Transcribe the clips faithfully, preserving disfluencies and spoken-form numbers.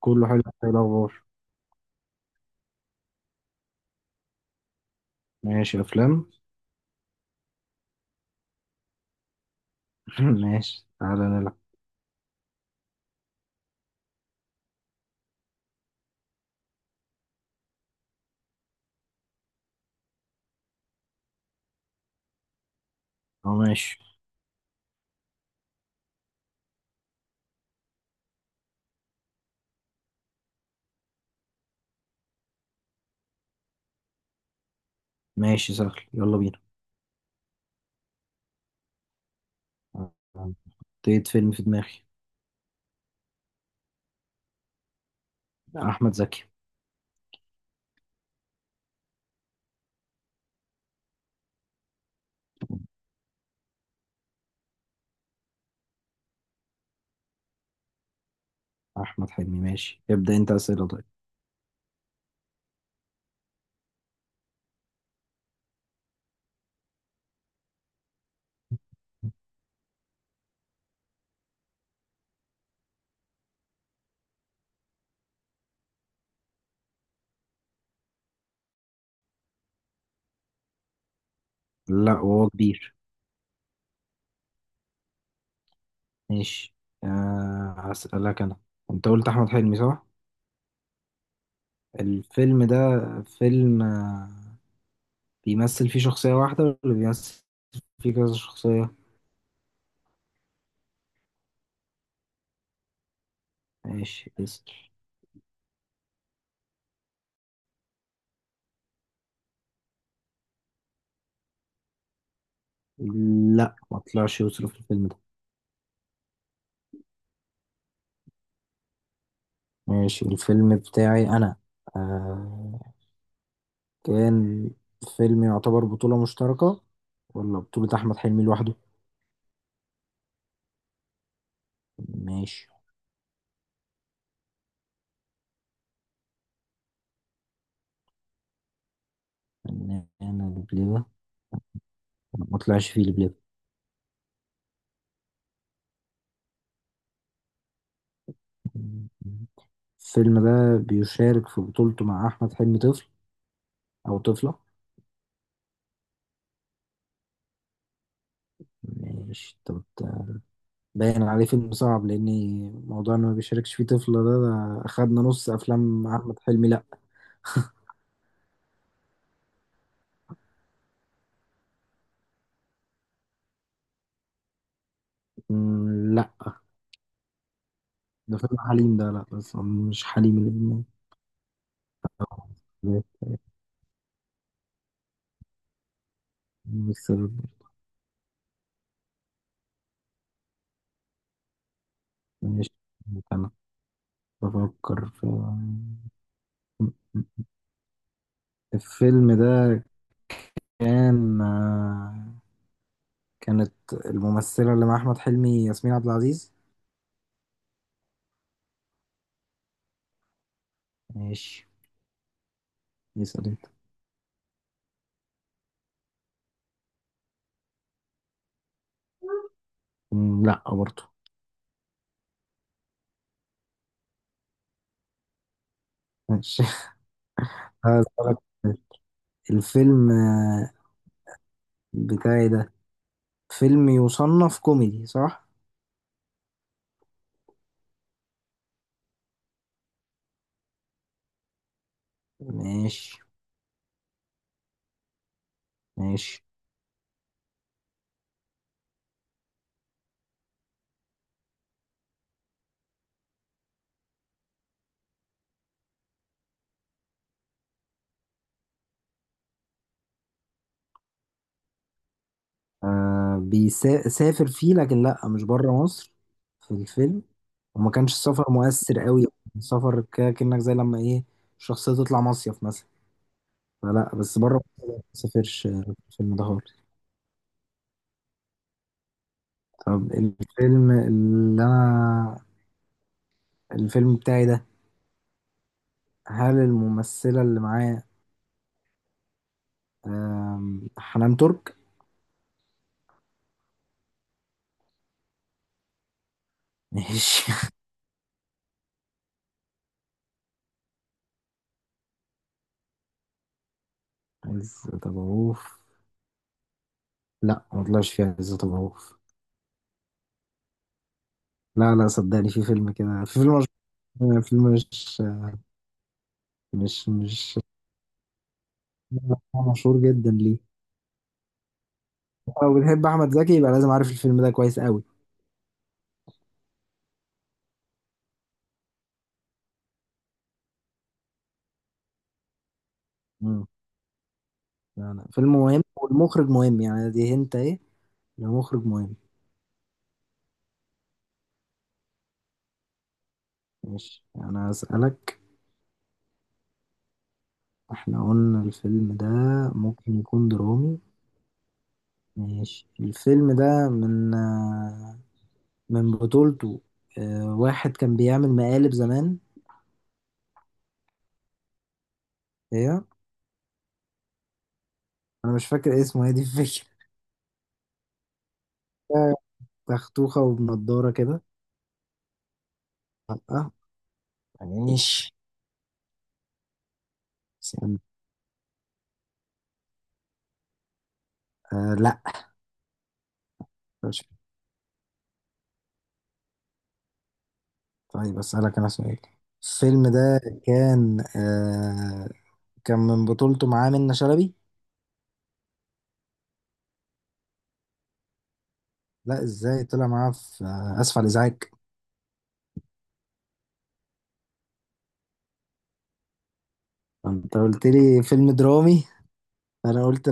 كله حلو. ايه الاخبار؟ ماشي، افلام. ماشي تعالى نلعب. اه ماشي. ماشي سهل، يلا بينا. حطيت فيلم في دماغي. احمد زكي. احمد حلمي ماشي، ابدا انت اسئله. طيب. لا، وهو كبير. ماشي. آه هسألك انا، انت قلت احمد حلمي صح؟ الفيلم ده، فيلم آه، بيمثل فيه شخصيه واحده، ولا بيمثل فيه كذا شخصيه؟ ماشي اسأل. لا، ما طلعش يوسف في الفيلم ده. ماشي. الفيلم بتاعي أنا، آه كان فيلم يعتبر بطولة مشتركة، ولا بطولة أحمد حلمي لوحده؟ ماشي. أنا البليبة ما طلعش فيه البليبة؟ الفيلم ده بيشارك في بطولته مع أحمد حلمي طفل أو طفلة؟ ماشي. طب ده باين عليه فيلم صعب، لأن موضوع إنه ما بيشاركش فيه طفلة ده، ده أخدنا نص أفلام أحمد حلمي. لأ. مم، لأ. ده فيلم حليم ده، لأ بس مش حليم اللي في دماغي. بس. ماشي. أنا بفكر في الفيلم ده. كان آه، كانت الممثلة اللي مع أحمد حلمي ياسمين عبد العزيز؟ ماشي. يسأل أنت. مم، لأ برضه. ماشي. هسألك، الفيلم آه، بتاعي ده فيلم يصنف كوميدي صح؟ ماشي. ماشي. آه بيسافر فيه، لكن لا مش بره مصر في الفيلم. وما كانش السفر مؤثر قوي. سفر ك- كأنك زي لما ايه، الشخصية تطلع مصيف مثلا. فلا، بس بره مصر لا، ما سافرش آه، الفيلم ده خالص. طب الفيلم اللي انا، الفيلم بتاعي ده، هل الممثلة اللي معاه آم، حنان ترك؟ ماشي. عزت أبو عوف؟ لا، ما طلعش فيها عزت أبو عوف. لا لا، صدقني في فيلم كده، في فيلم مش- فيلم مش مش مش هو مشهور جدا. ليه؟ لو بتحب احمد زكي يبقى لازم عارف الفيلم ده كويس قوي. مم. لا لا، فيلم مهم والمخرج مهم، يعني دي انت ايه، المخرج مهم. ماشي. انا اسالك، احنا قلنا الفيلم ده ممكن يكون درامي. ماشي. الفيلم ده من آه، من بطولته آه، واحد كان بيعمل مقالب زمان. ايه، انا مش فاكر اسمه، هي دي الفكره. آه، تختوخه وبنضاره كده. لا، عيني ماشي. بس يعني، آه لا مش. طيب أسألك أنا سؤال، الفيلم ده كان آه كان من بطولته معاه منة شلبي؟ لا إزاي طلع معاه في آه، آسف على الإزعاج. أنت قلت لي فيلم درامي. أنا قلت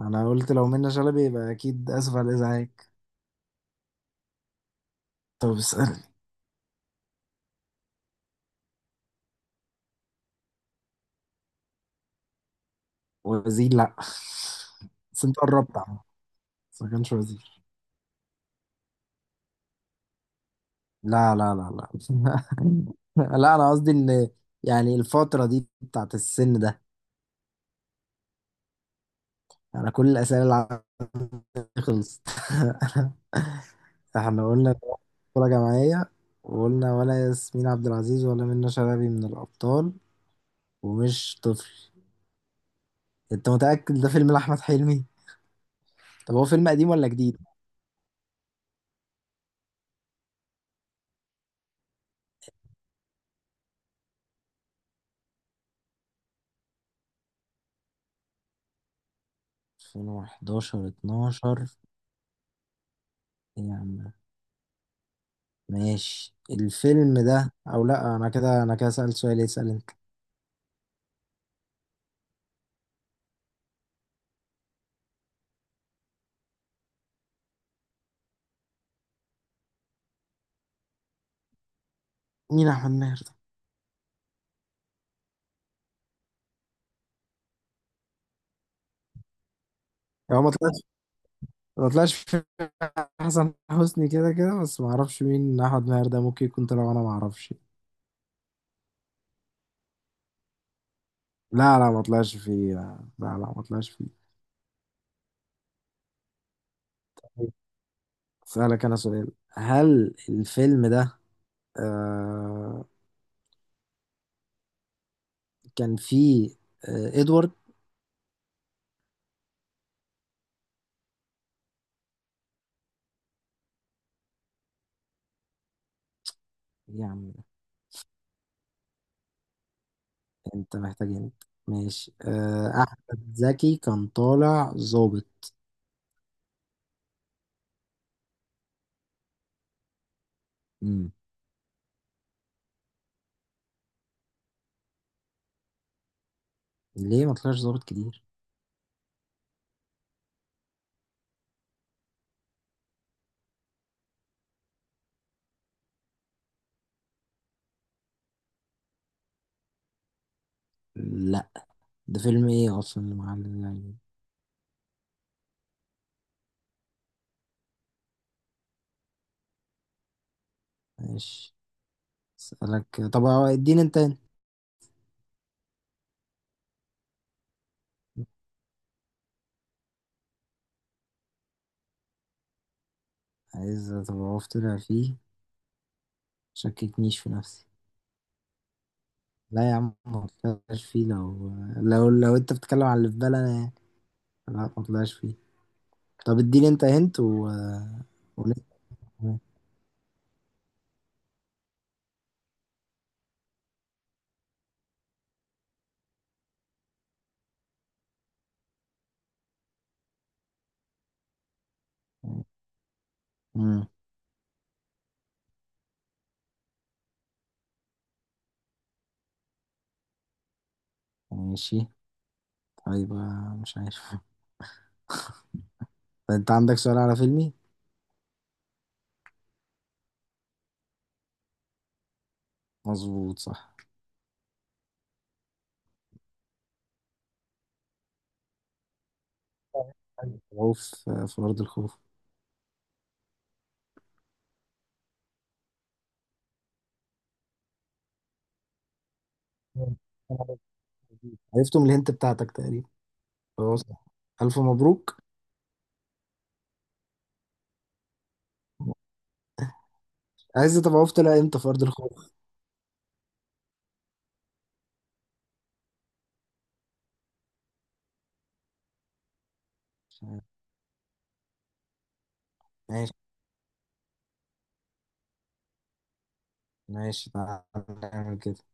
أنا قلت لو منة شلبي يبقى أكيد. آسف على الإزعاج. طب اسأل. وزير لا. بس أنت قربت عم. بس ما كانش وزير. لا لا لا لا. لا أنا قصدي إن، يعني الفترة دي بتاعت السن ده. أنا كل الأسئلة اللي عندي خلصت. احنا قلنا كرة جماعية، وقلنا ولا ياسمين عبد العزيز ولا منة شلبي من الأبطال، ومش طفل. انت متأكد ده فيلم لأحمد حلمي؟ طب هو فيلم قديم ولا جديد؟ ألفين وإحداشر اتناشر؟ إيه يا عم. ماشي الفيلم ده او لا، انا كده انا كده سألت سؤال، اسأل انت. مين احمد ماهر ده؟ هو ما طلعش ما طلعش في حسن حسني كده كده، بس ما اعرفش مين احمد ماهر ده، ممكن يكون طلع وانا ما اعرفش. لا لا، ما طلعش فيه، لا لا لا، ما طلعش فيه. أسألك أنا سؤال، هل الفيلم ده آه كان فيه آه إدوارد؟ يا عم أنت محتاج أنت. ماشي. آه أحمد زكي كان طالع ظابط؟ امم. ليه، ما طلعش ظابط كتير؟ لا، ده فيلم إيه أصلا اللي معلم يعني. ماشي. أسألك، طب هو اديني أنت. عايز طب أعرف طلع فيه، شككنيش في نفسي. لا يا عم ما طلعش فيه، لو لو لو أنت بتتكلم على اللي في بالي أنا يعني، لا ما طلعش فيه. طب اديني انت هنت و ولسه كمان. مم. ماشي. طيب آه، مش عارف. طب انت عندك سؤال على فيلمي؟ مظبوط صح. خوف، آه، في أرض الخوف. عرفته من الهنت بتاعتك تقريبا. خلاص، ألف مبروك. عايز طب عرفت طلع امتى في أرض الخوف. ماشي. ماشي تعال نعمل كده.